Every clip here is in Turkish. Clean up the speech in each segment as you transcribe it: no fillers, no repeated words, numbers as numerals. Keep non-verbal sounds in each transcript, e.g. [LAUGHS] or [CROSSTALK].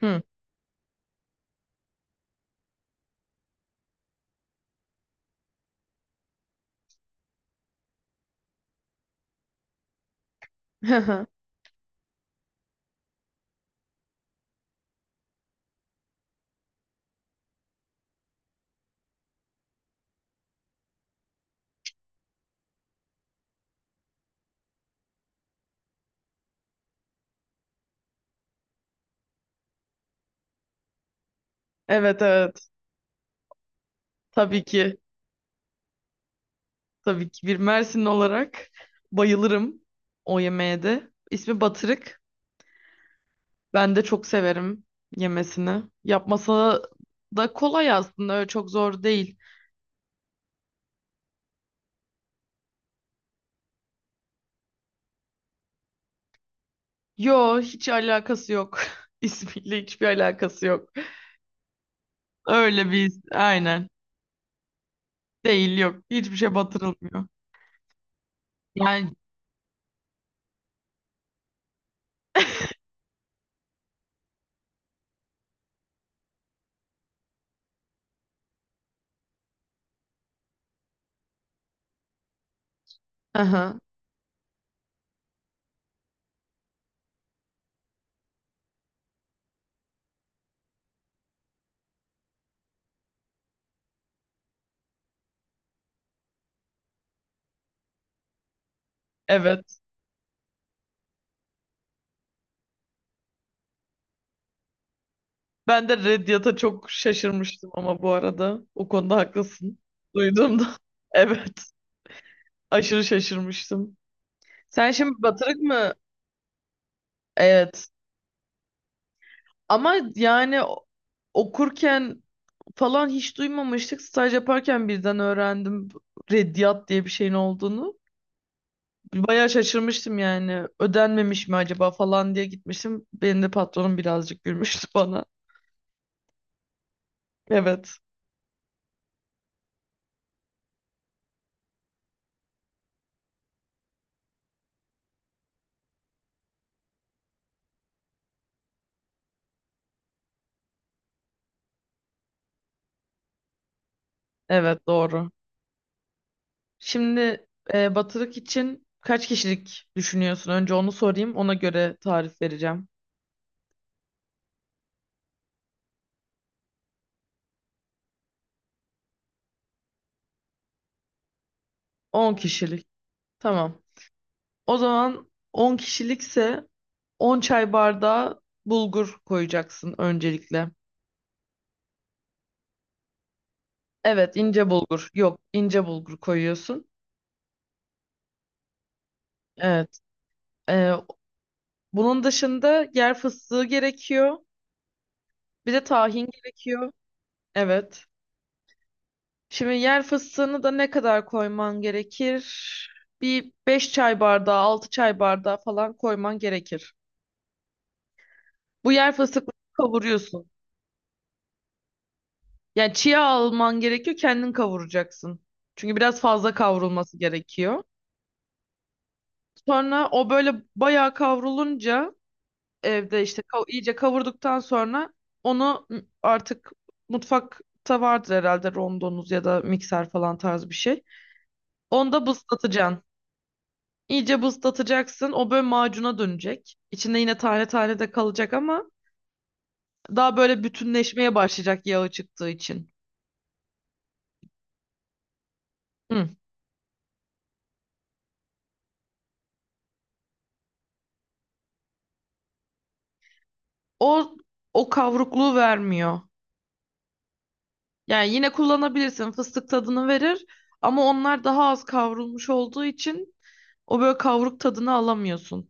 Hı. [LAUGHS] Evet evet. Tabii ki. Tabii ki. Bir Mersinli olarak bayılırım o yemeğe de. İsmi batırık. Ben de çok severim yemesini. Yapması da kolay aslında. Öyle çok zor değil. Yo hiç alakası yok. [LAUGHS] İsmiyle hiçbir alakası yok. Öyle bir aynen. Değil yok. Hiçbir şey batırılmıyor. Yani aha, evet. Ben de Reddit'a çok şaşırmıştım ama bu arada. O konuda haklısın. Duyduğumda. [LAUGHS] Evet. Aşırı şaşırmıştım. Sen şimdi batırık mı? Evet. Ama yani okurken falan hiç duymamıştık. Staj yaparken birden öğrendim Reddiyat diye bir şeyin olduğunu. Bayağı şaşırmıştım yani. Ödenmemiş mi acaba falan diye gitmiştim. Benim de patronum birazcık gülmüştü [LAUGHS] bana. Evet. Evet doğru. Şimdi batırık için kaç kişilik düşünüyorsun? Önce onu sorayım. Ona göre tarif vereceğim. 10 kişilik. Tamam. O zaman 10 kişilikse 10 çay bardağı bulgur koyacaksın öncelikle. Evet, ince bulgur. Yok, ince bulgur koyuyorsun. Evet. e, Bunun dışında yer fıstığı gerekiyor. Bir de tahin gerekiyor. Evet. Şimdi yer fıstığını da ne kadar koyman gerekir? Bir 5 çay bardağı, 6 çay bardağı falan koyman gerekir. Bu yer fıstıklarını kavuruyorsun. Yani çiğ alman gerekiyor, kendin kavuracaksın. Çünkü biraz fazla kavrulması gerekiyor. Sonra o böyle bayağı kavrulunca evde işte iyice kavurduktan sonra onu artık mutfakta vardır herhalde rondonuz ya da mikser falan tarz bir şey. Onu da bızlatacaksın. İyice buzlatacaksın. O böyle macuna dönecek. İçinde yine tane tane de kalacak ama daha böyle bütünleşmeye başlayacak yağı çıktığı için. Hı. O o kavrukluğu vermiyor. Yani yine kullanabilirsin. Fıstık tadını verir ama onlar daha az kavrulmuş olduğu için o böyle kavruk tadını alamıyorsun.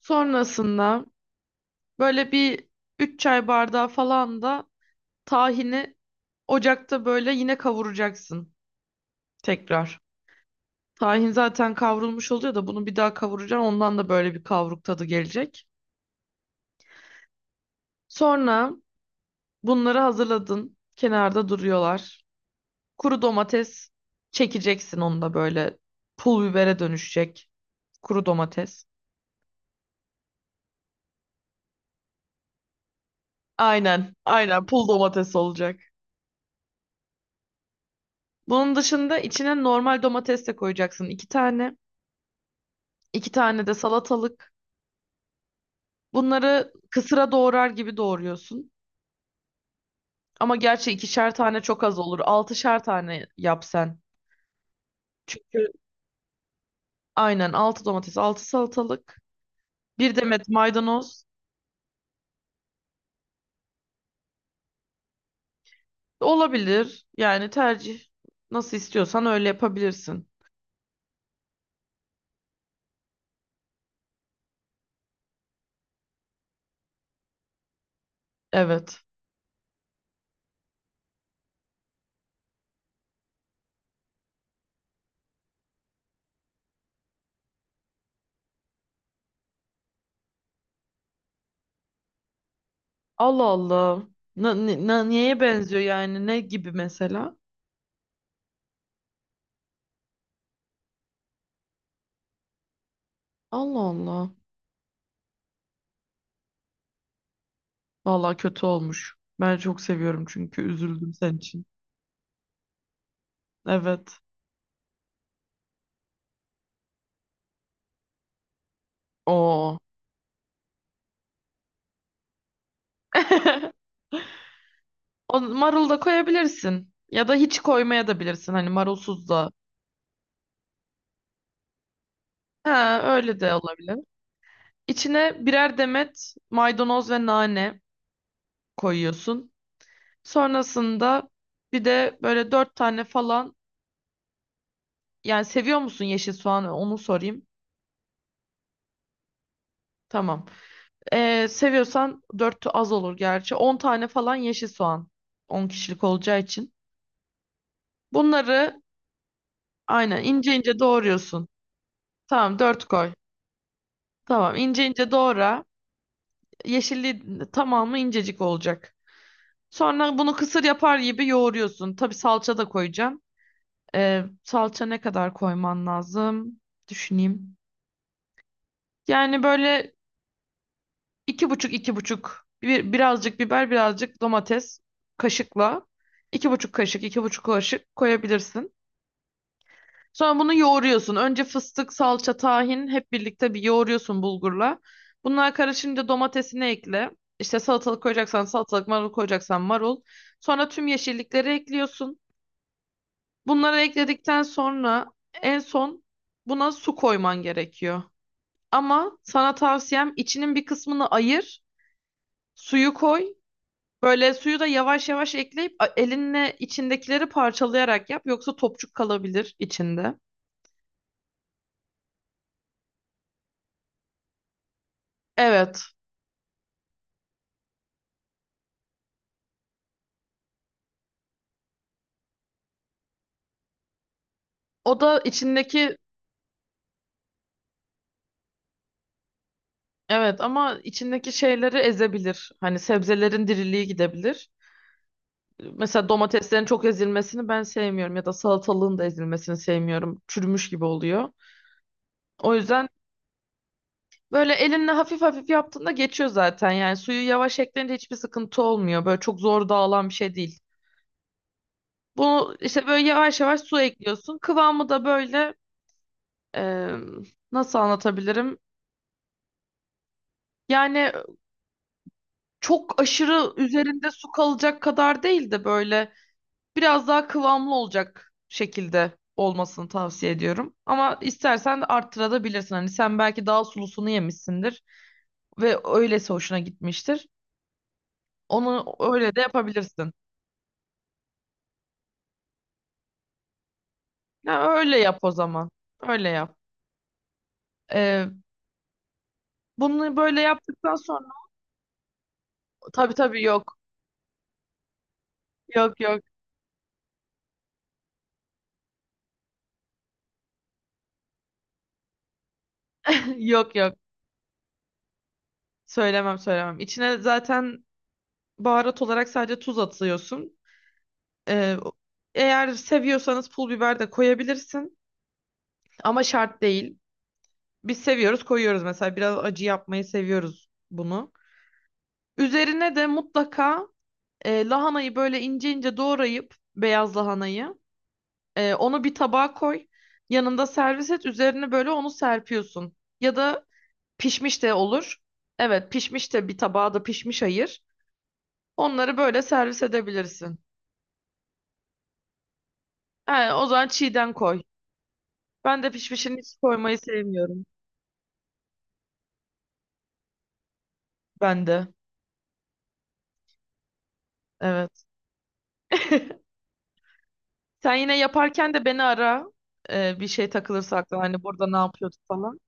Sonrasında böyle bir 3 çay bardağı falan da tahini ocakta böyle yine kavuracaksın tekrar. Tahin zaten kavrulmuş oluyor da bunu bir daha kavuracaksın. Ondan da böyle bir kavruk tadı gelecek. Sonra bunları hazırladın. Kenarda duruyorlar. Kuru domates çekeceksin onu da böyle pul bibere dönüşecek. Kuru domates. Aynen, aynen pul domates olacak. Bunun dışında içine normal domates de koyacaksın. İki tane. İki tane de salatalık. Bunları kısıra doğrar gibi doğruyorsun. Ama gerçi ikişer tane çok az olur. Altışar tane yap sen. Çünkü aynen 6 domates, 6 salatalık, bir demet maydanoz olabilir. Yani tercih nasıl istiyorsan öyle yapabilirsin. Evet. Allah Allah. Neye benziyor yani? Ne gibi mesela? Allah Allah. Vallahi kötü olmuş. Ben çok seviyorum çünkü üzüldüm senin için. Evet. Oo. [LAUGHS] O marul da koyabilirsin. Ya da hiç koymaya da bilirsin. Hani marulsuz da. Ha, öyle de olabilir. İçine birer demet maydanoz ve nane koyuyorsun. Sonrasında bir de böyle dört tane falan yani seviyor musun yeşil soğanı onu sorayım. Tamam. Seviyorsan dört az olur gerçi. 10 tane falan yeşil soğan. 10 kişilik olacağı için. Bunları aynen ince ince doğruyorsun. Tamam dört koy. Tamam ince ince doğra. Yeşilliği tamamı incecik olacak. Sonra bunu kısır yapar gibi yoğuruyorsun. Tabii salça da koyacaksın. Salça ne kadar koyman lazım? Düşüneyim. Yani böyle iki buçuk bir, birazcık biber birazcık domates kaşıkla 2,5 kaşık 2,5 kaşık koyabilirsin. Sonra bunu yoğuruyorsun. Önce fıstık, salça, tahin hep birlikte bir yoğuruyorsun bulgurla. Bunlar karışınca domatesini ekle. İşte salatalık koyacaksan salatalık, marul koyacaksan marul. Sonra tüm yeşillikleri ekliyorsun. Bunları ekledikten sonra en son buna su koyman gerekiyor. Ama sana tavsiyem içinin bir kısmını ayır. Suyu koy, böyle suyu da yavaş yavaş ekleyip elinle içindekileri parçalayarak yap yoksa topçuk kalabilir içinde. Evet. O da içindeki Evet ama içindeki şeyleri ezebilir. Hani sebzelerin diriliği gidebilir. Mesela domateslerin çok ezilmesini ben sevmiyorum ya da salatalığın da ezilmesini sevmiyorum. Çürümüş gibi oluyor. O yüzden böyle elinle hafif hafif yaptığında geçiyor zaten. Yani suyu yavaş ekleyince hiçbir sıkıntı olmuyor. Böyle çok zor dağılan bir şey değil. Bunu işte böyle yavaş yavaş su ekliyorsun. Kıvamı da böyle Eee, Nasıl anlatabilirim? Yani çok aşırı üzerinde su kalacak kadar değil de böyle biraz daha kıvamlı olacak şekilde olmasını tavsiye ediyorum. Ama istersen de arttırabilirsin. Hani sen belki daha sulusunu yemişsindir ve öylesi hoşuna gitmiştir. Onu öyle de yapabilirsin. Ya öyle yap o zaman. Öyle yap. Eee, Bunu böyle yaptıktan sonra tabii tabii yok. Yok yok. [LAUGHS] Yok yok. Söylemem söylemem. İçine zaten baharat olarak sadece tuz atıyorsun. Ee, Eğer seviyorsanız pul biber de koyabilirsin. Ama şart değil. Biz seviyoruz koyuyoruz mesela. Biraz acı yapmayı seviyoruz bunu. Üzerine de mutlaka lahanayı böyle ince ince doğrayıp beyaz lahanayı onu bir tabağa koy. Yanında servis et. Üzerine böyle onu serpiyorsun. Ya da pişmiş de olur. Evet pişmiş de bir tabağa da pişmiş ayır. Onları böyle servis edebilirsin. He, o zaman çiğden koy. Ben de pişmişini hiç koymayı sevmiyorum. Ben de. Evet. [LAUGHS] Sen yine yaparken de beni ara. Bir şey takılırsa aklına hani burada ne yapıyorduk falan.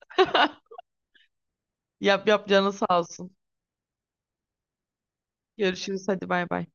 [LAUGHS] Yap yap canı sağ olsun. Görüşürüz hadi bay bay.